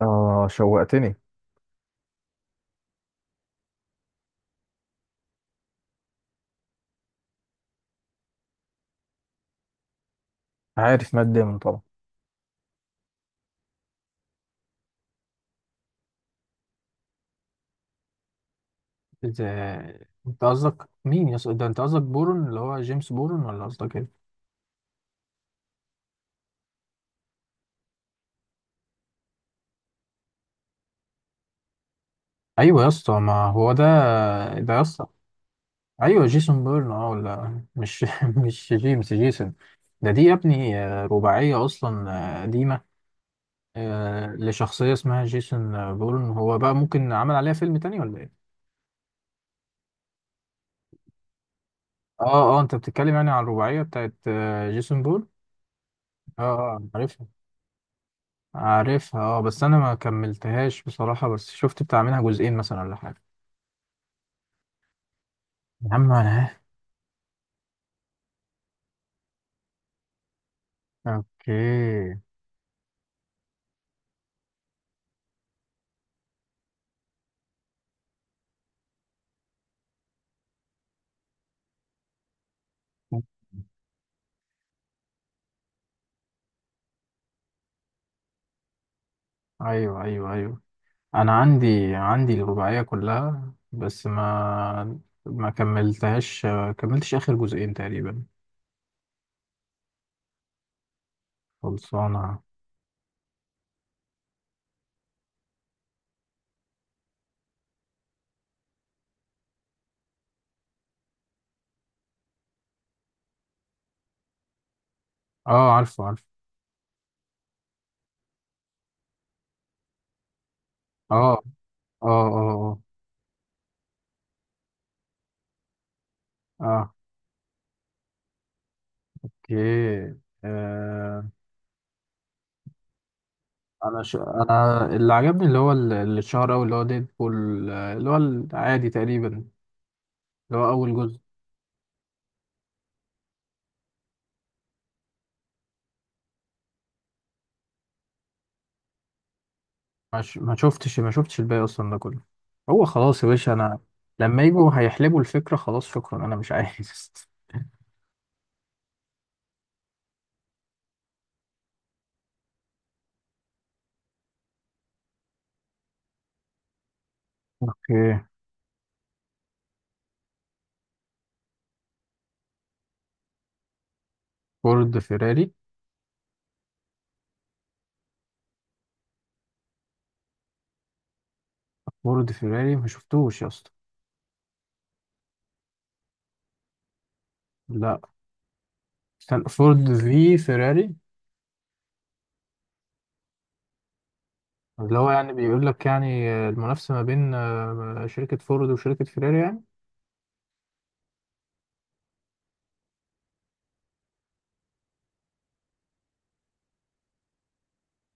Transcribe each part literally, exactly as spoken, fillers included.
اه، شوقتني. عارف مات ديمون طبعا. انت انت قصدك مين يا اسطى؟ ده انت قصدك بورن اللي هو جيمس بورن، ولا قصدك ايه؟ ايوه يا اسطى ما هو ده. ده يا اسطى. ايوه جيسون بورن اه، ولا مش مش جيمس، جيسون. ده، دي يا ابني، آه، رباعيه اصلا. آه، قديمه. آه، لشخصيه اسمها جيسون، آه، بورن، هو بقى ممكن عمل عليها فيلم تاني ولا ايه؟ اه اه، انت بتتكلم يعني عن الرباعيه بتاعت آه، جيسون بورن. اه اه، عارفها. عارفها اه، بس انا ما كملتهاش بصراحة، بس شفت بتاع منها جزئين مثلا ولا حاجة. يا عم انا. اوكي. ايوه ايوه ايوه، انا عندي عندي الرباعية كلها، بس ما ما كملتهاش. كملتش اخر جزئين تقريبا. خلصانة. اه، عارفه عارفه. اه اه اه اه. آه، اوكي. آه انا ش... انا اللي عجبني اللي هو ال- اللي اتشهر اوي، اللي هو ديدبول، آه، اللي هو العادي تقريبا، اللي هو اول جزء. ما ش- ما شفتش ما شفتش الباقي اصلا ده كله. هو خلاص يا باشا انا. لما يجوا هيحلبوا الفكره، خلاص شكرا، انا مش عايز. اوكي. فورد فيراري. فورد فيراري، ما شفتوش يا اسطى؟ لا. استنى، فورد في فيراري؟ اللي هو يعني بيقول لك يعني المنافسه ما بين آه، شركه فورد وشركه فيراري يعني.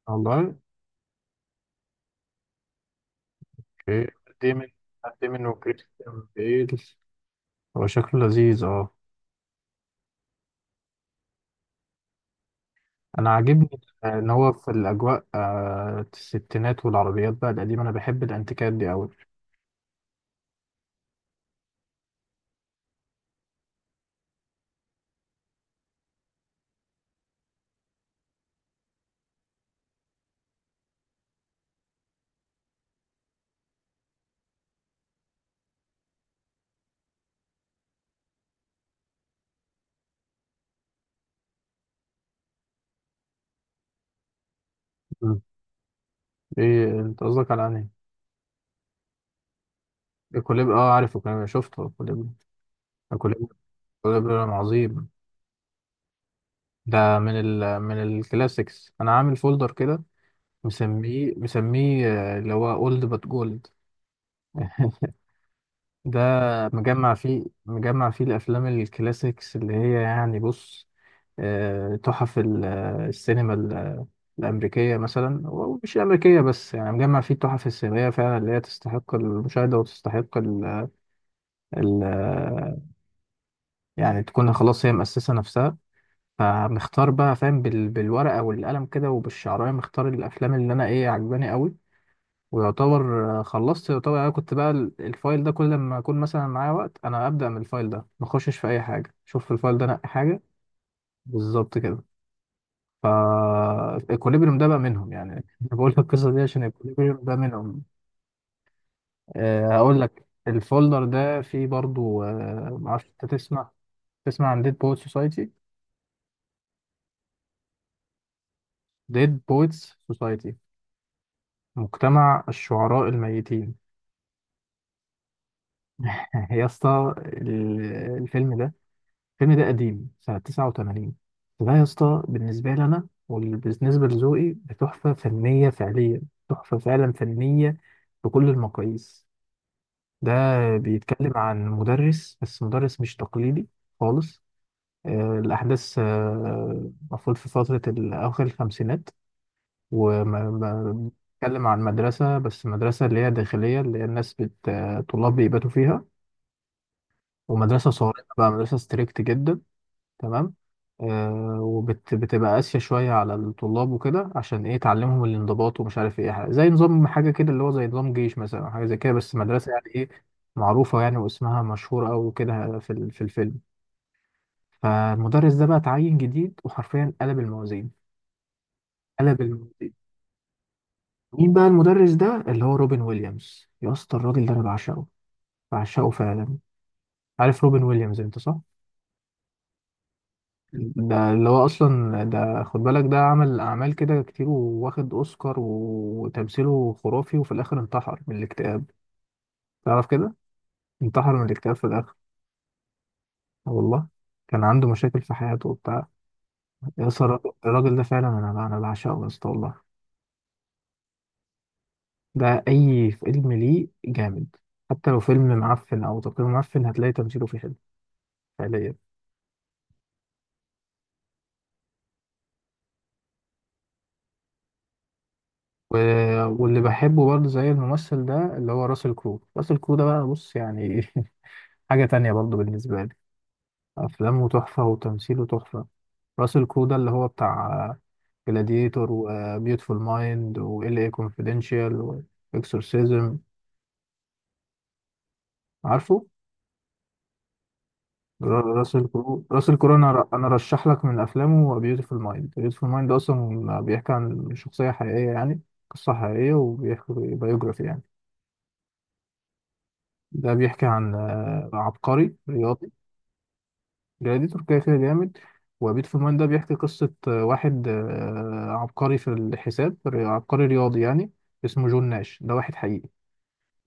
والله. اوكي. ديمن. ديمن وكريستيان بيل، هو شكله لذيذ اه. انا عاجبني ان هو في الاجواء، آه، الستينات والعربيات بقى القديمه، انا بحب الانتيكات دي قوي. مم. ايه انت قصدك على انهي؟ الكوليب؟ اه، عارف الكوليب، شفته الكوليب. الكوليب. الكوليب عظيم. ده من ال من الكلاسيكس. انا عامل فولدر كده، مسميه مسميه آه، اللي هو اولد بات جولد. ده مجمع فيه مجمع فيه الافلام الكلاسيكس، اللي هي يعني بص، آه، تحف ال- آه، السينما ال- آه، الامريكيه مثلا، ومش الامريكيه بس، يعني مجمع فيه التحف السينمائيه فعلا اللي هي تستحق المشاهده وتستحق ال ال- آه، يعني تكون خلاص هي مؤسسه نفسها. فمختار بقى فاهم بال- بالورقه والقلم كده وبالشعرايه، مختار الافلام اللي انا ايه عجباني قوي. ويعتبر، آه، خلصت، يعتبر انا كنت بقى ال- الفايل ده كل ما اكون مثلا معايا وقت، انا ابدا من الفايل ده، ما اخشش في اي حاجه، شوف في الفايل ده نقي حاجه. بالظبط كده. ف، الكوليبريم ده بقى منهم يعني. انا بقول لك القصه دي عشان الكوليبريم ده منهم. أه، هقول لك الفولدر ده فيه برضو، أه ما اعرفش انت تسمع، تسمع عن ديد بويت سوسايتي؟ ديد بويتس سوسايتي، مجتمع الشعراء الميتين. يا اسطى ال- الفيلم ده. الفيلم ده قديم، سنة تسعة وتمانين. فده يا اسطى بالنسبة لي أنا وبالنسبة لذوقي، بتحفة فنية فعلية. تحفة فعلا فنية. بكل المقاييس. ده بيتكلم عن مدرس، بس مدرس مش تقليدي خالص. آه، الأحداث، آه، المفروض في فترة ال- أواخر الخمسينات. وبيتكلم عن مدرسة، بس مدرسة اللي هي داخلية، اللي هي الناس بت... آه، طلاب بيباتوا فيها. ومدرسة صارمة بقى، مدرسة ستريكت جدا. تمام. آه وبتبقى قاسية شوية على الطلاب وكده، عشان ايه؟ تعلمهم الانضباط ومش عارف ايه حاجة. زي نظام حاجة كده، اللي هو زي نظام جيش مثلا أو حاجة زي كده، بس مدرسة يعني ايه، معروفة يعني، واسمها مشهور أوي كده في ال- في الفيلم. فالمدرس ده بقى اتعين جديد وحرفيا قلب الموازين. قلب الم... مين بقى المدرس ده؟ اللي هو روبن ويليامز. يا اسطى الراجل ده انا بعشقه، بعشقه فعلا. عارف روبن ويليامز انت صح؟ ده اللي هو اصلا، ده خد بالك، ده عمل اعمال كده كتير، وواخد اوسكار وتمثيله خرافي، وفي الاخر انتحر من الاكتئاب. تعرف كده؟ انتحر من الاكتئاب في الاخر، آه والله. كان عنده مشاكل في حياته وبتاع. يا اسطى الراجل الراجل ده فعلا، انا انا بعشقه يا اسطى والله. ده اي فيلم ليه جامد. حتى لو فيلم معفن او تقييمه معفن، هتلاقي تمثيله فيه حلو فعليا. و... واللي بحبه برضه زي الممثل ده اللي هو راسل كرو. راسل كرو ده بقى، بص يعني، حاجة تانية برضه بالنسبة لي. أفلامه تحفة وتمثيله تحفة. راسل كرو ده اللي هو بتاع جلاديتور وبيوتفول مايند وال اي كونفيدنشال واكسورسيزم، عارفه. را- راسل كرو راسل كرو، انا ر- انا رشح لك من افلامه بيوتفول مايند. بيوتفول مايند اصلا بيحكي عن شخصيه حقيقيه يعني، قصه حقيقيه، وبيحكي بايوجرافي يعني. ده بيحكي عن آه، عبقري رياضي. جلاديتور كده كده جامد. وبيت فمان ده بيحكي قصة آه، واحد آه، عبقري في الحساب، ري- عبقري رياضي يعني. اسمه جون ناش، ده واحد حقيقي.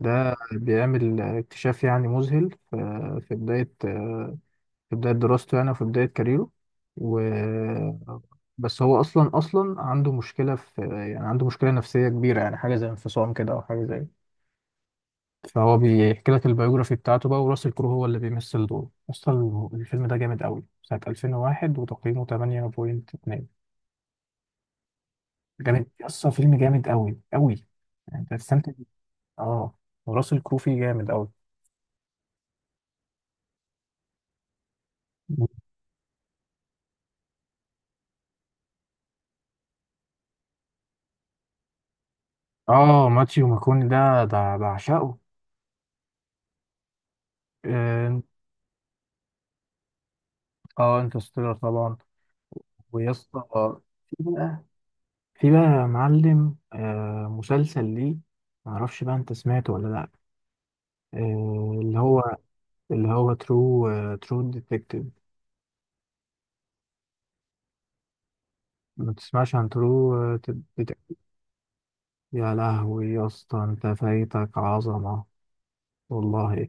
ده بيعمل آه، اكتشاف يعني مذهل في، في بداية، آه، في بداية دراسته يعني، وفي بداية كاريره. و، بس هو أصلا أصلا عنده مشكلة في يعني، عنده مشكلة نفسية كبيرة يعني، حاجة زي انفصام كده أو حاجة زي. فهو بيحكي لك البيوجرافي بتاعته بقى، وراسل كرو هو اللي بيمثل دوره. اصلا الفيلم ده جامد قوي، سنة ألفين وواحد وتقييمه تمانية فاصلة اتنين. جامد اصلا، فيلم جامد قوي قوي، يعني انت هتستمتع بيه. اه. وراسل كرو فيه جامد قوي. اه، ماتيو ماكوني ده ده بعشقه. اه، آه، انترستيلر طبعا. ويا اسطى، آه، في بقى، في بقى يا معلم، آه مسلسل ليه، معرفش بقى انت سمعته ولا لا. آه اللي هو، اللي هو ترو، ترو ديتكتيف. ما تسمعش عن ترو تدتك؟ يا لهوي يا اسطى، انت فايتك عظمة والله.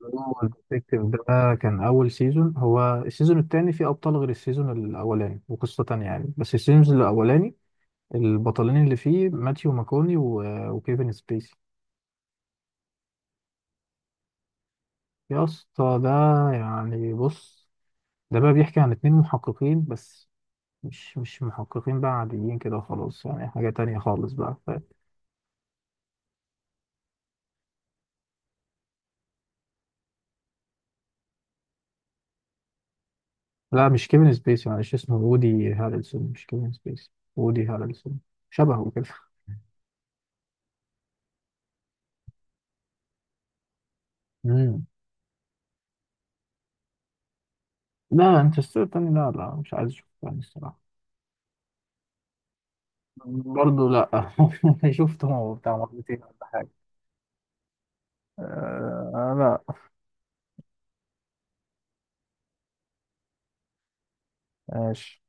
ترو ديتكتيف ده، كان أول سيزون. هو السيزون التاني فيه أبطال غير السيزون الأولاني وقصة تانية يعني، بس السيزون الأولاني البطلين اللي فيه ماتيو ماكوني و- وكيفن سبيسي. يا اسطى ده، يعني بص، ده بقى بيحكي عن اتنين محققين، بس مش مش محققين بقى عاديين كده خلاص، يعني حاجة تانية خالص بقى. لا مش كيفن سبيسي، معلش اسمه وودي هارلسون، مش كيفن سبيسي، وودي هارلسون. شبهه كده. مم. لا انترستيلر تاني لا لا، مش عايز اشوفه تاني الصراحة. برضه لا، شفته بتاع مرتين ولا حاجة. آه لا. ماشي.